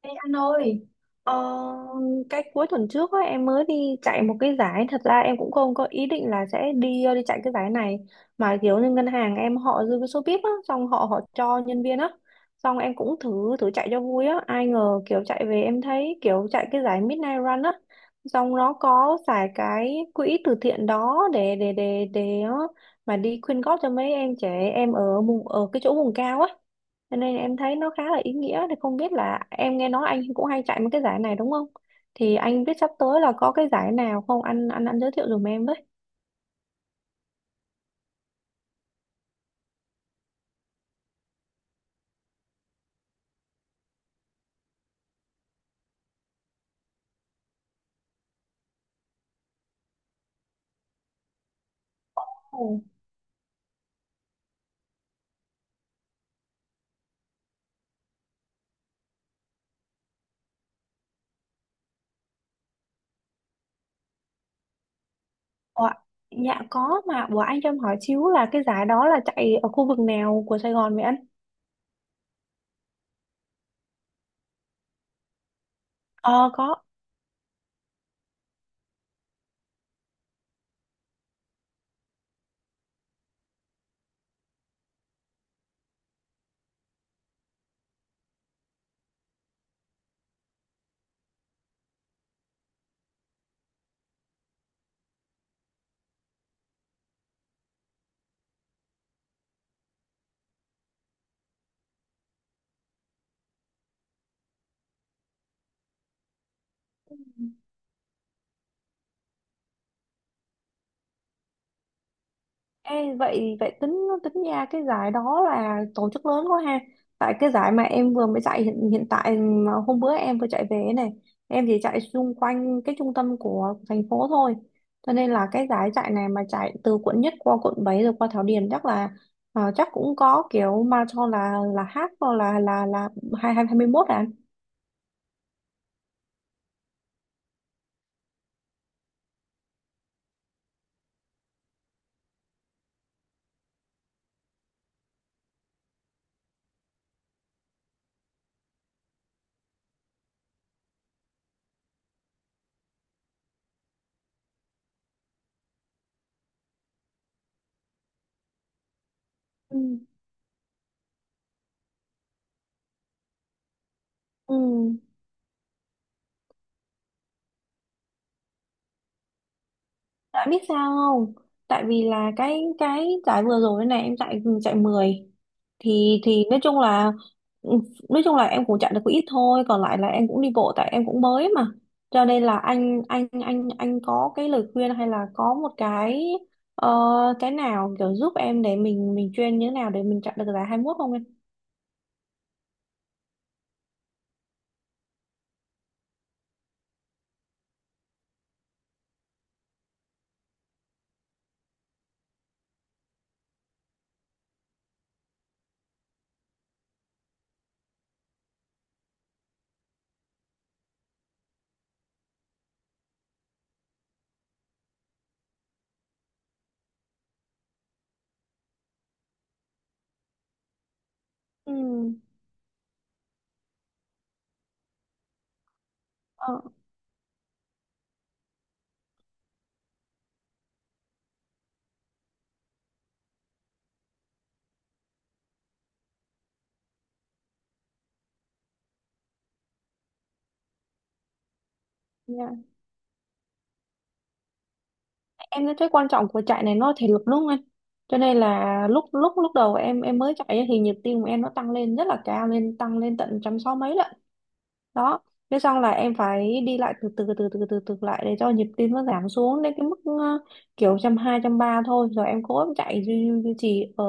Ê anh ơi, ờ, cái cuối tuần trước á, em mới đi chạy một cái giải. Thật ra em cũng không có ý định là sẽ đi đi chạy cái giải này, mà kiểu như ngân hàng em họ dư cái số VIP á, xong họ họ cho nhân viên á, xong em cũng thử thử chạy cho vui á. Ai ngờ kiểu chạy về em thấy kiểu chạy cái giải Midnight Run á, xong nó có xài cái quỹ từ thiện đó mà đi quyên góp cho mấy em trẻ em ở vùng, ở cái chỗ vùng cao á, cho nên em thấy nó khá là ý nghĩa. Thì không biết là, em nghe nói anh cũng hay chạy mấy cái giải này đúng không? Thì anh biết sắp tới là có cái giải nào không? Anh giới thiệu giùm em với. Ồ, ủa, dạ có mà, ủa anh cho em hỏi xíu là cái giải đó là chạy ở khu vực nào của Sài Gòn vậy anh? Ờ có. Ê, vậy vậy tính tính ra cái giải đó là tổ chức lớn quá ha. Tại cái giải mà em vừa mới chạy hiện tại, mà hôm bữa em vừa chạy về ấy này, em chỉ chạy xung quanh cái trung tâm của thành phố thôi. Cho nên là cái giải chạy này mà chạy từ quận nhất qua quận 7 rồi qua Thảo Điền chắc là, chắc cũng có kiểu marathon là half hoặc là hai hai hai mươi mốt à anh? Ừ. Ừ. Tại biết sao không? Tại vì là cái giải vừa rồi này em chạy chạy mười, thì nói chung là, ừ, nói chung là em cũng chạy được có ít thôi, còn lại là em cũng đi bộ tại em cũng mới mà. Cho nên là anh có cái lời khuyên hay là có một cái, ờ, cái nào kiểu giúp em để mình chuyên như thế nào để mình chạy được giải hai mốt không em? Ừ. Ờ. Dạ. Em thấy cái quan trọng của chạy này nó là thể lực đúng không anh? Cho nên là lúc lúc lúc đầu em mới chạy ấy thì nhịp tim của em nó tăng lên rất là cao, lên tăng lên tận trăm sáu mấy lận. Đó, thế xong là em phải đi lại từ từ từ từ từ từ lại để cho nhịp tim nó giảm xuống đến cái mức, kiểu trăm hai trăm ba thôi, rồi em cố em chạy duy, duy duy trì ở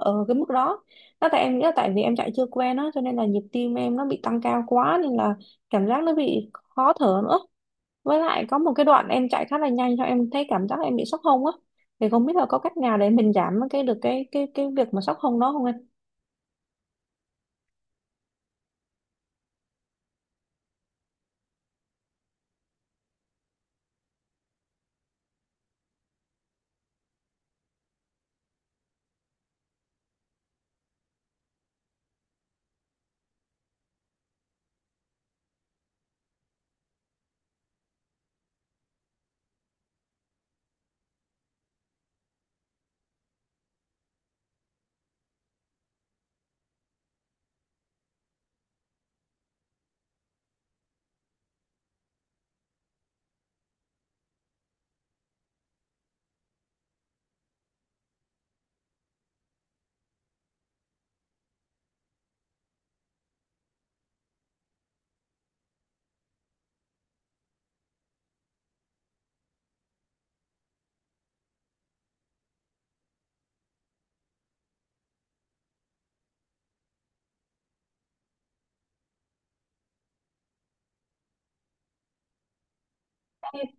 ở cái mức đó. Đó, tại em nghĩ là tại vì em chạy chưa quen á, cho nên là nhịp tim em nó bị tăng cao quá nên là cảm giác nó bị khó thở nữa. Với lại có một cái đoạn em chạy khá là nhanh cho em thấy cảm giác em bị sốc hông á, thì không biết là có cách nào để mình giảm cái được cái cái việc mà sốc hông đó không anh?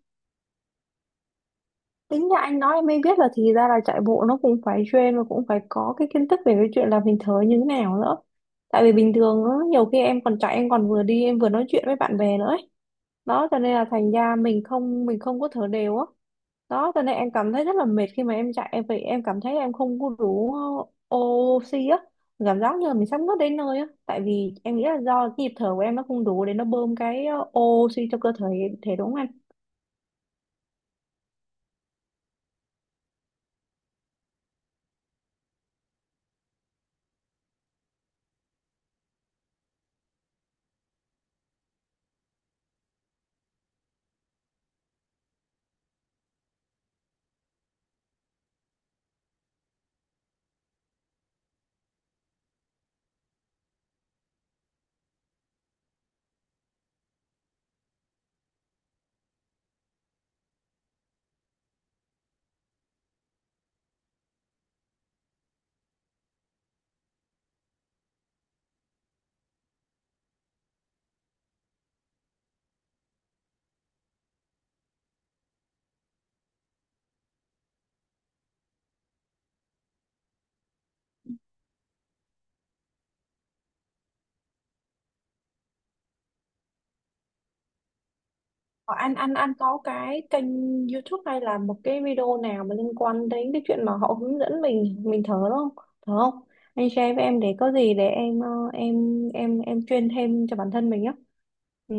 Tính ra anh nói em mới biết là thì ra là chạy bộ nó cũng phải train, và cũng phải có cái kiến thức về cái chuyện là mình thở như thế nào nữa. Tại vì bình thường á, nhiều khi em còn chạy em còn vừa đi em vừa nói chuyện với bạn bè nữa ấy. Đó cho nên là thành ra mình không có thở đều á. Đó cho nên em cảm thấy rất là mệt. Khi mà em chạy em vậy em cảm thấy em không có đủ oxy á. Cảm giác như là mình sắp ngất đến nơi á. Tại vì em nghĩ là do cái nhịp thở của em nó không đủ để nó bơm cái oxy cho cơ thể, thể đúng không anh? Ờ, anh có cái kênh YouTube hay là một cái video nào mà liên quan đến cái chuyện mà họ hướng dẫn mình thở đúng không? Thở không? Anh share với em để có gì để em, em em chuyên thêm cho bản thân mình á. Ừ.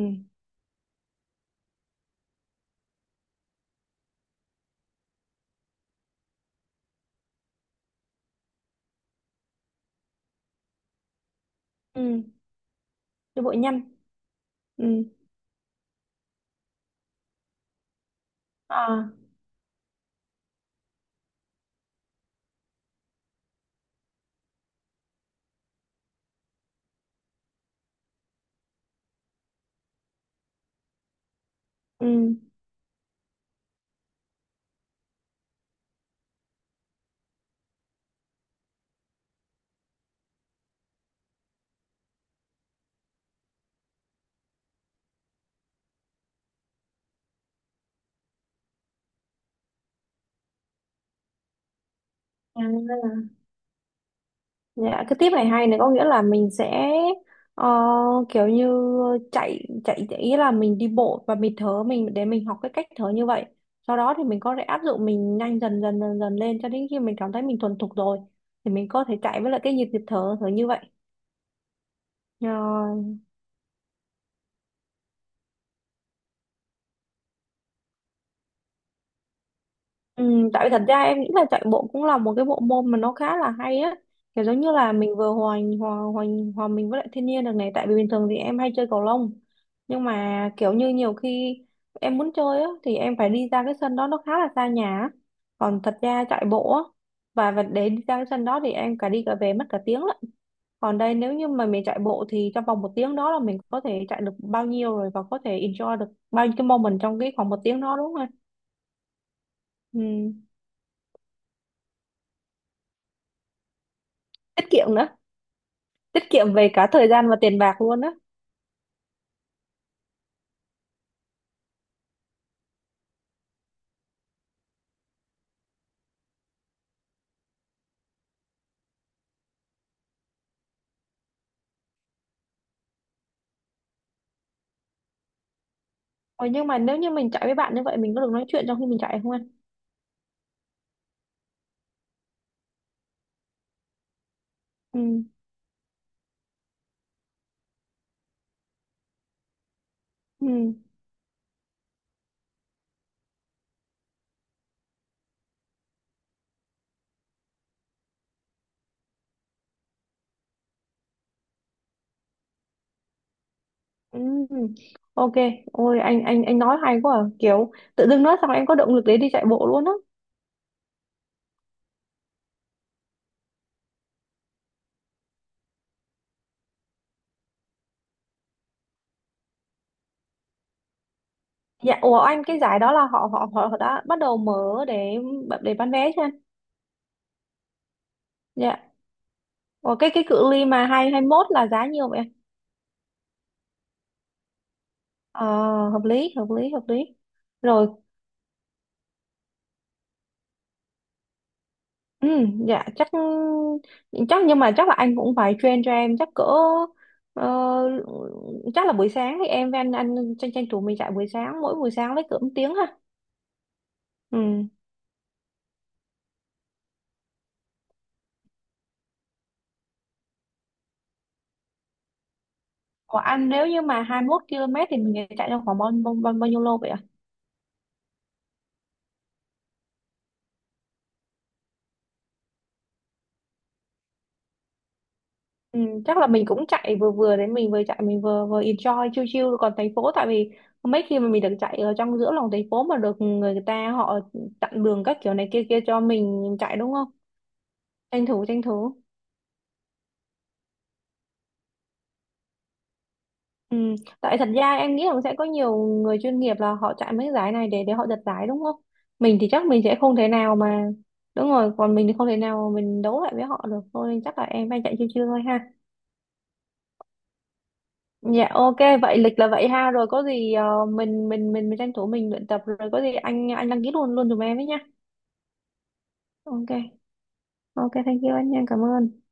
Ừ. Cho bụi nhanh. Ừ. À. Ừ. À. Dạ, cái tiếp này hay này, có nghĩa là mình sẽ, ờ, kiểu như chạy chạy chạy- ý là mình đi bộ và mình thở, mình để mình học cái cách thở như vậy. Sau đó thì mình có thể áp dụng mình nhanh dần dần lên cho đến khi mình cảm thấy mình thuần thục rồi thì mình có thể chạy với lại cái nhịp nhịp thở thở như vậy. Ờ, ừ, tại vì thật ra em nghĩ là chạy bộ cũng là một cái bộ môn mà nó khá là hay á, kiểu giống như là mình vừa hòa mình với lại thiên nhiên được này. Tại vì bình thường thì em hay chơi cầu lông, nhưng mà kiểu như nhiều khi em muốn chơi á thì em phải đi ra cái sân đó, nó khá là xa nhà á. Còn thật ra chạy bộ á, và để đi ra cái sân đó thì em cả đi cả về mất cả tiếng lận. Còn đây nếu như mà mình chạy bộ thì trong vòng một tiếng đó là mình có thể chạy được bao nhiêu rồi, và có thể enjoy được bao nhiêu cái moment trong cái khoảng một tiếng đó, đúng không em? Ừ. Tiết kiệm nữa. Tiết kiệm về cả thời gian và tiền bạc luôn á. Ờ, nhưng mà nếu như mình chạy với bạn như vậy, mình có được nói chuyện trong khi mình chạy không anh? Ừ. Ừ. Ừ. Ok. Ôi, anh nói hay quá à. Kiểu tự dưng nói xong em có động lực để đi chạy bộ luôn á. Dạ, ủa anh, cái giải đó là họ họ họ họ đã bắt đầu mở để bán vé chưa anh? Dạ. Ủa, cái cự ly mà hai hai mốt là giá nhiều vậy? Ờ, hợp lý rồi. Ừ, dạ chắc, chắc nhưng mà chắc là anh cũng phải train cho em, chắc cỡ, ờ, chắc là buổi sáng thì em với anh, tranh tranh thủ mình chạy buổi sáng, mỗi buổi sáng với cỡ một tiếng ha. Ừ. Của anh nếu như mà 21 km thì mình chạy trong khoảng bao nhiêu lô vậy ạ? Ừ, chắc là mình cũng chạy vừa vừa đấy, mình vừa chạy mình vừa vừa enjoy chill chill còn thành phố, tại vì mấy khi mà mình được chạy ở trong giữa lòng thành phố mà được người ta họ chặn đường các kiểu này kia kia cho mình chạy đúng không? Tranh thủ. Ừ. Tại thật ra em nghĩ rằng sẽ có nhiều người chuyên nghiệp là họ chạy mấy cái giải này để họ giật giải đúng không? Mình thì chắc mình sẽ không thể nào mà đúng rồi, còn mình thì không thể nào mà mình đấu lại với họ được thôi, nên chắc là em phải chạy chiêu chiêu thôi ha. Dạ ok, vậy lịch là vậy ha, rồi có gì mình tranh thủ mình luyện tập, rồi có gì anh đăng ký luôn luôn giùm em ấy nha. Ok. Ok, thank you anh nha, cảm ơn.